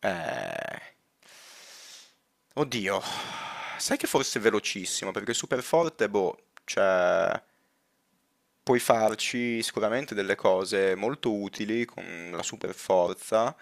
Eh, oddio, sai che forse è velocissimo, perché super forte, boh, cioè. Puoi farci sicuramente delle cose molto utili con la super forza,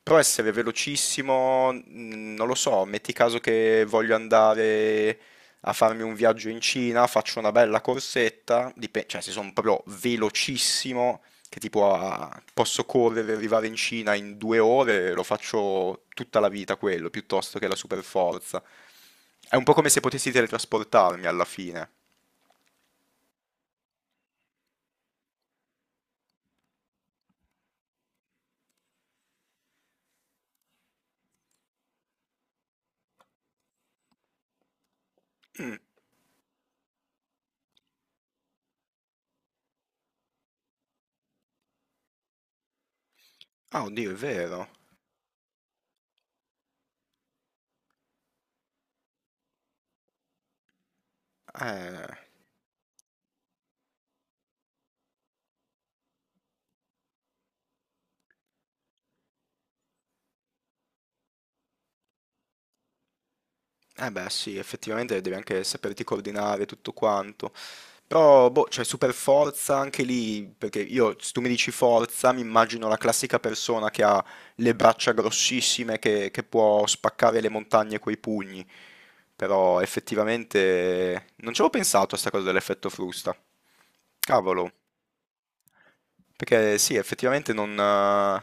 però essere velocissimo, non lo so, metti caso che voglio andare a farmi un viaggio in Cina, faccio una bella corsetta, cioè se sono proprio velocissimo, che tipo posso correre e arrivare in Cina in 2 ore, lo faccio tutta la vita quello, piuttosto che la super forza. È un po' come se potessi teletrasportarmi alla fine. Mm. Ah, oddio, è vero. Eh, eh beh sì, effettivamente devi anche saperti coordinare tutto quanto. Però, boh, c'è super forza anche lì, perché io, se tu mi dici forza, mi immagino la classica persona che ha le braccia grossissime, che può spaccare le montagne coi pugni. Però effettivamente non ci avevo pensato a sta cosa dell'effetto frusta. Cavolo, perché sì, effettivamente non.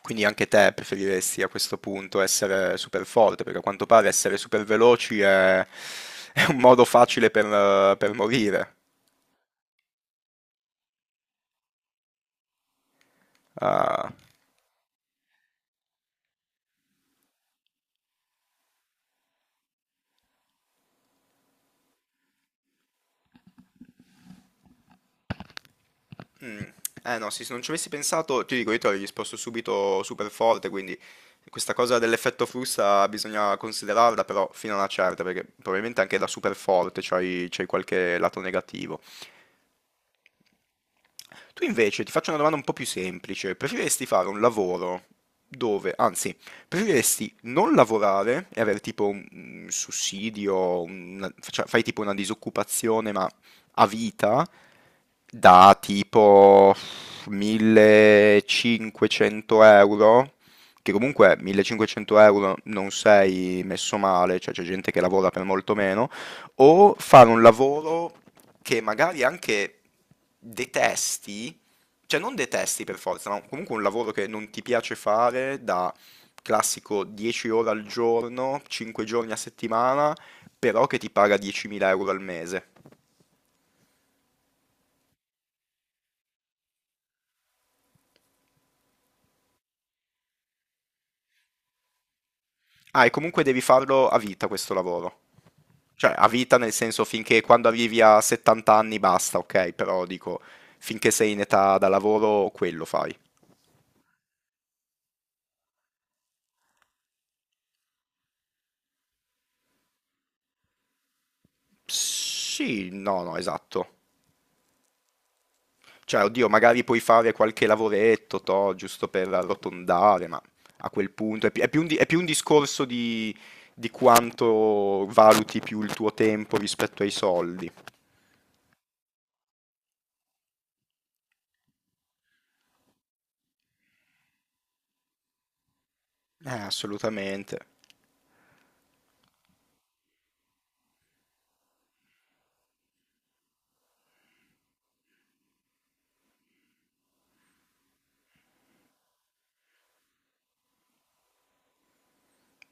Quindi anche te preferiresti a questo punto essere super forte, perché a quanto pare essere super veloci è un modo facile per morire. Ah, mm. Eh no, sì, se non ci avessi pensato, ti dico, io ti avrei risposto subito super forte, quindi questa cosa dell'effetto frusta bisogna considerarla, però fino a una certa, perché probabilmente anche da super forte c'hai qualche lato negativo. Tu invece ti faccio una domanda un po' più semplice. Preferiresti fare un lavoro dove, anzi, preferiresti non lavorare e avere tipo un sussidio, fai tipo una disoccupazione ma a vita da tipo 1500 euro? Che comunque 1500 euro non sei messo male, cioè c'è gente che lavora per molto meno, o fare un lavoro che magari anche detesti, cioè non detesti per forza, ma comunque un lavoro che non ti piace fare da classico 10 ore al giorno, 5 giorni a settimana, però che ti paga 10.000 euro al mese. Ah, e comunque devi farlo a vita questo lavoro. Cioè, a vita nel senso finché quando arrivi a 70 anni basta, ok, però dico, finché sei in età da lavoro, quello fai. Sì, no, no, esatto. Cioè, oddio, magari puoi fare qualche lavoretto, toh, giusto per arrotondare, ma a quel punto è più un discorso di quanto valuti più il tuo tempo rispetto ai soldi. Assolutamente.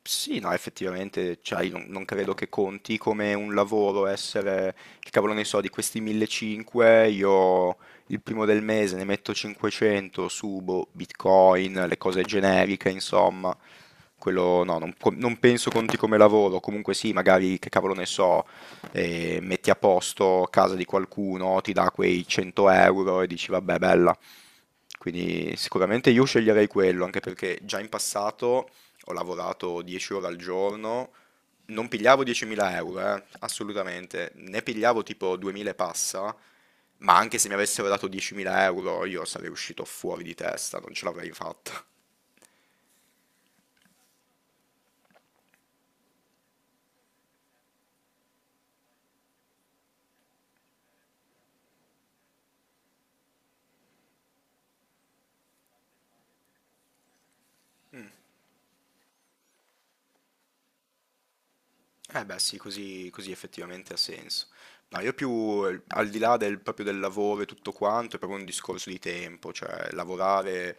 Sì, no, effettivamente, cioè, io non credo che conti come un lavoro essere, che cavolo ne so, di questi 1500, io il primo del mese ne metto 500, subo Bitcoin, le cose generiche, insomma, quello no, non penso conti come lavoro, comunque sì, magari, che cavolo ne so, metti a posto casa di qualcuno, ti dà quei 100 euro e dici, vabbè, bella. Quindi sicuramente io sceglierei quello, anche perché già in passato ho lavorato 10 ore al giorno, non pigliavo 10.000 euro, assolutamente, ne pigliavo tipo 2.000 e passa, ma anche se mi avessero dato 10.000 euro io sarei uscito fuori di testa, non ce l'avrei fatta. Eh beh sì, così, così effettivamente ha senso. No, io più al di là del, proprio del lavoro e tutto quanto, è proprio un discorso di tempo, cioè lavorare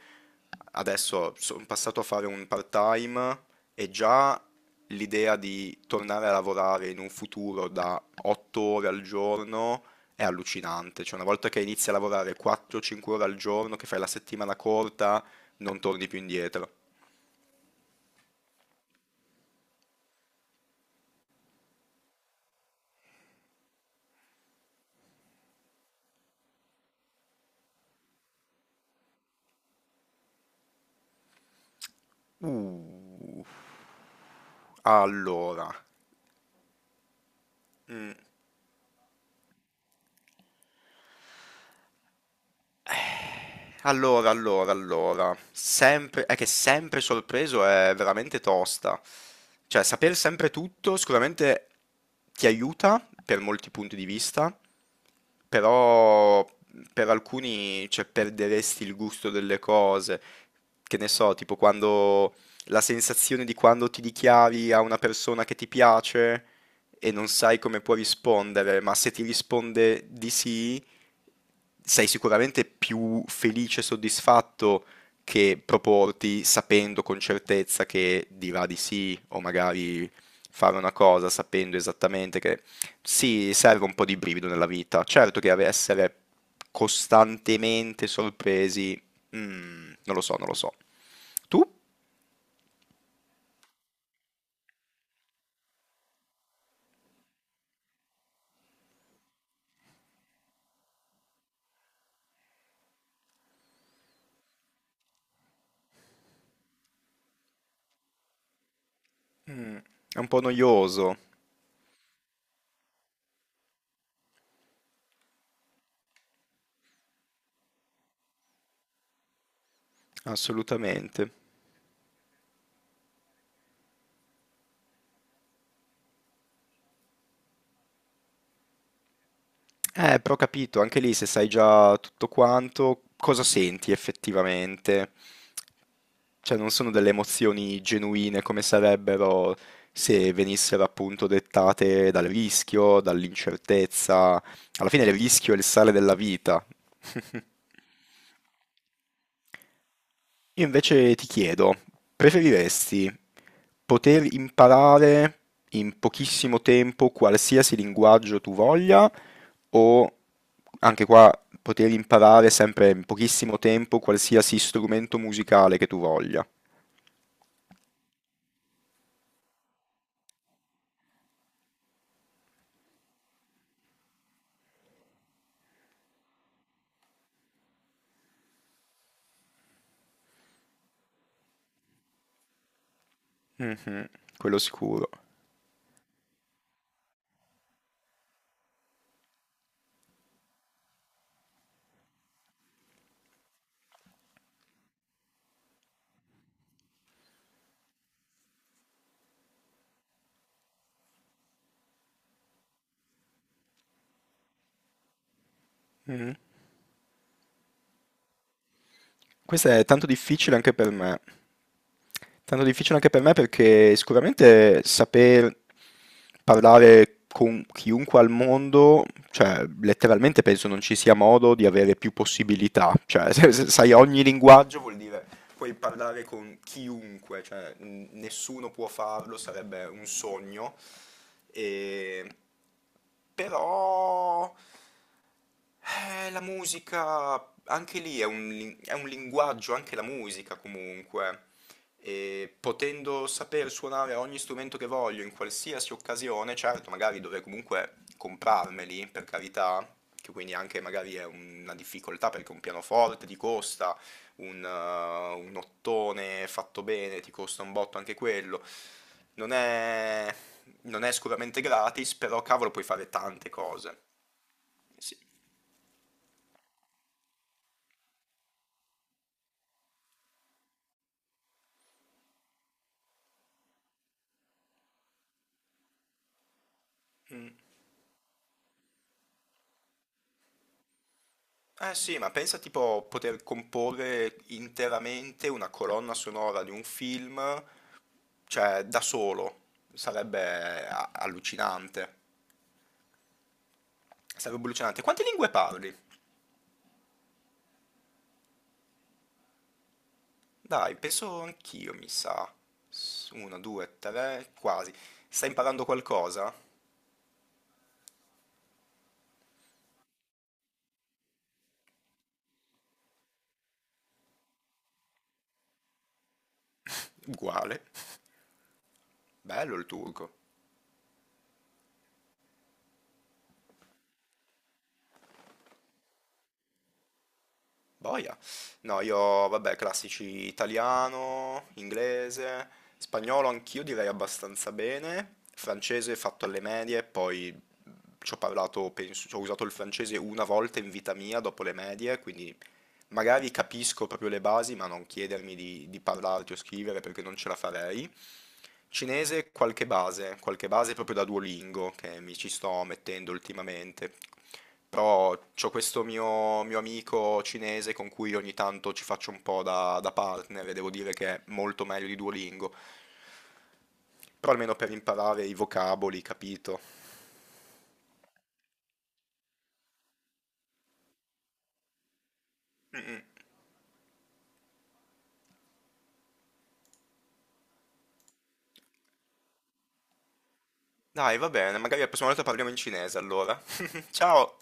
adesso sono passato a fare un part-time e già l'idea di tornare a lavorare in un futuro da 8 ore al giorno è allucinante, cioè una volta che inizi a lavorare 4-5 ore al giorno, che fai la settimana corta, non torni più indietro. Uh, allora. mm, Allora, allora, allora, sempre, è che sempre sorpreso è veramente tosta. Cioè, saper sempre tutto sicuramente ti aiuta per molti punti di vista, però per alcuni cioè, perderesti il gusto delle cose. Che ne so, tipo quando la sensazione di quando ti dichiari a una persona che ti piace e non sai come può rispondere, ma se ti risponde di sì, sei sicuramente più felice e soddisfatto che proporti sapendo con certezza che dirà di sì o magari fare una cosa sapendo esattamente che sì, serve un po' di brivido nella vita. Certo che essere costantemente sorpresi, non lo so, non lo so. Tu? Mm, è un po' noioso, assolutamente. Però ho capito, anche lì se sai già tutto quanto, cosa senti effettivamente? Cioè, non sono delle emozioni genuine come sarebbero se venissero appunto dettate dal rischio, dall'incertezza. Alla fine il rischio è il sale della vita. Io invece ti chiedo, preferiresti poter imparare in pochissimo tempo qualsiasi linguaggio tu voglia o anche qua poter imparare sempre in pochissimo tempo qualsiasi strumento musicale che tu voglia? Mm, quello sicuro. Mm. Questa è tanto difficile anche per me. Tanto difficile anche per me perché sicuramente saper parlare con chiunque al mondo, cioè letteralmente penso non ci sia modo di avere più possibilità. Cioè, se sai ogni linguaggio vuol dire puoi parlare con chiunque, cioè nessuno può farlo, sarebbe un sogno. E... Però la musica, anche lì è un linguaggio, anche la musica comunque. E potendo saper suonare ogni strumento che voglio in qualsiasi occasione, certo, magari dovrei comunque comprarmeli, per carità, che quindi anche magari è una difficoltà perché un pianoforte ti costa un ottone fatto bene, ti costa un botto anche quello. Non è, non è sicuramente gratis, però cavolo puoi fare tante cose. Sì. Mm. Eh sì, ma pensa tipo poter comporre interamente una colonna sonora di un film, cioè da solo. Sarebbe allucinante. Sarebbe allucinante. Quante lingue parli? Dai, penso anch'io, mi sa. Una, due, tre, quasi. Stai imparando qualcosa? Uguale. Bello il turco. Boia. No, io, vabbè, classici italiano, inglese, spagnolo anch'io direi abbastanza bene, francese fatto alle medie, poi ci ho parlato, penso, ci ho usato il francese una volta in vita mia dopo le medie, quindi magari capisco proprio le basi, ma non chiedermi di, parlarti o scrivere perché non ce la farei. Cinese, qualche base proprio da Duolingo che mi ci sto mettendo ultimamente. Però c'ho questo mio amico cinese con cui ogni tanto ci faccio un po' da, partner e devo dire che è molto meglio di Duolingo. Però almeno per imparare i vocaboli, capito? Dai, va bene, magari la prossima volta parliamo in cinese allora. Ciao!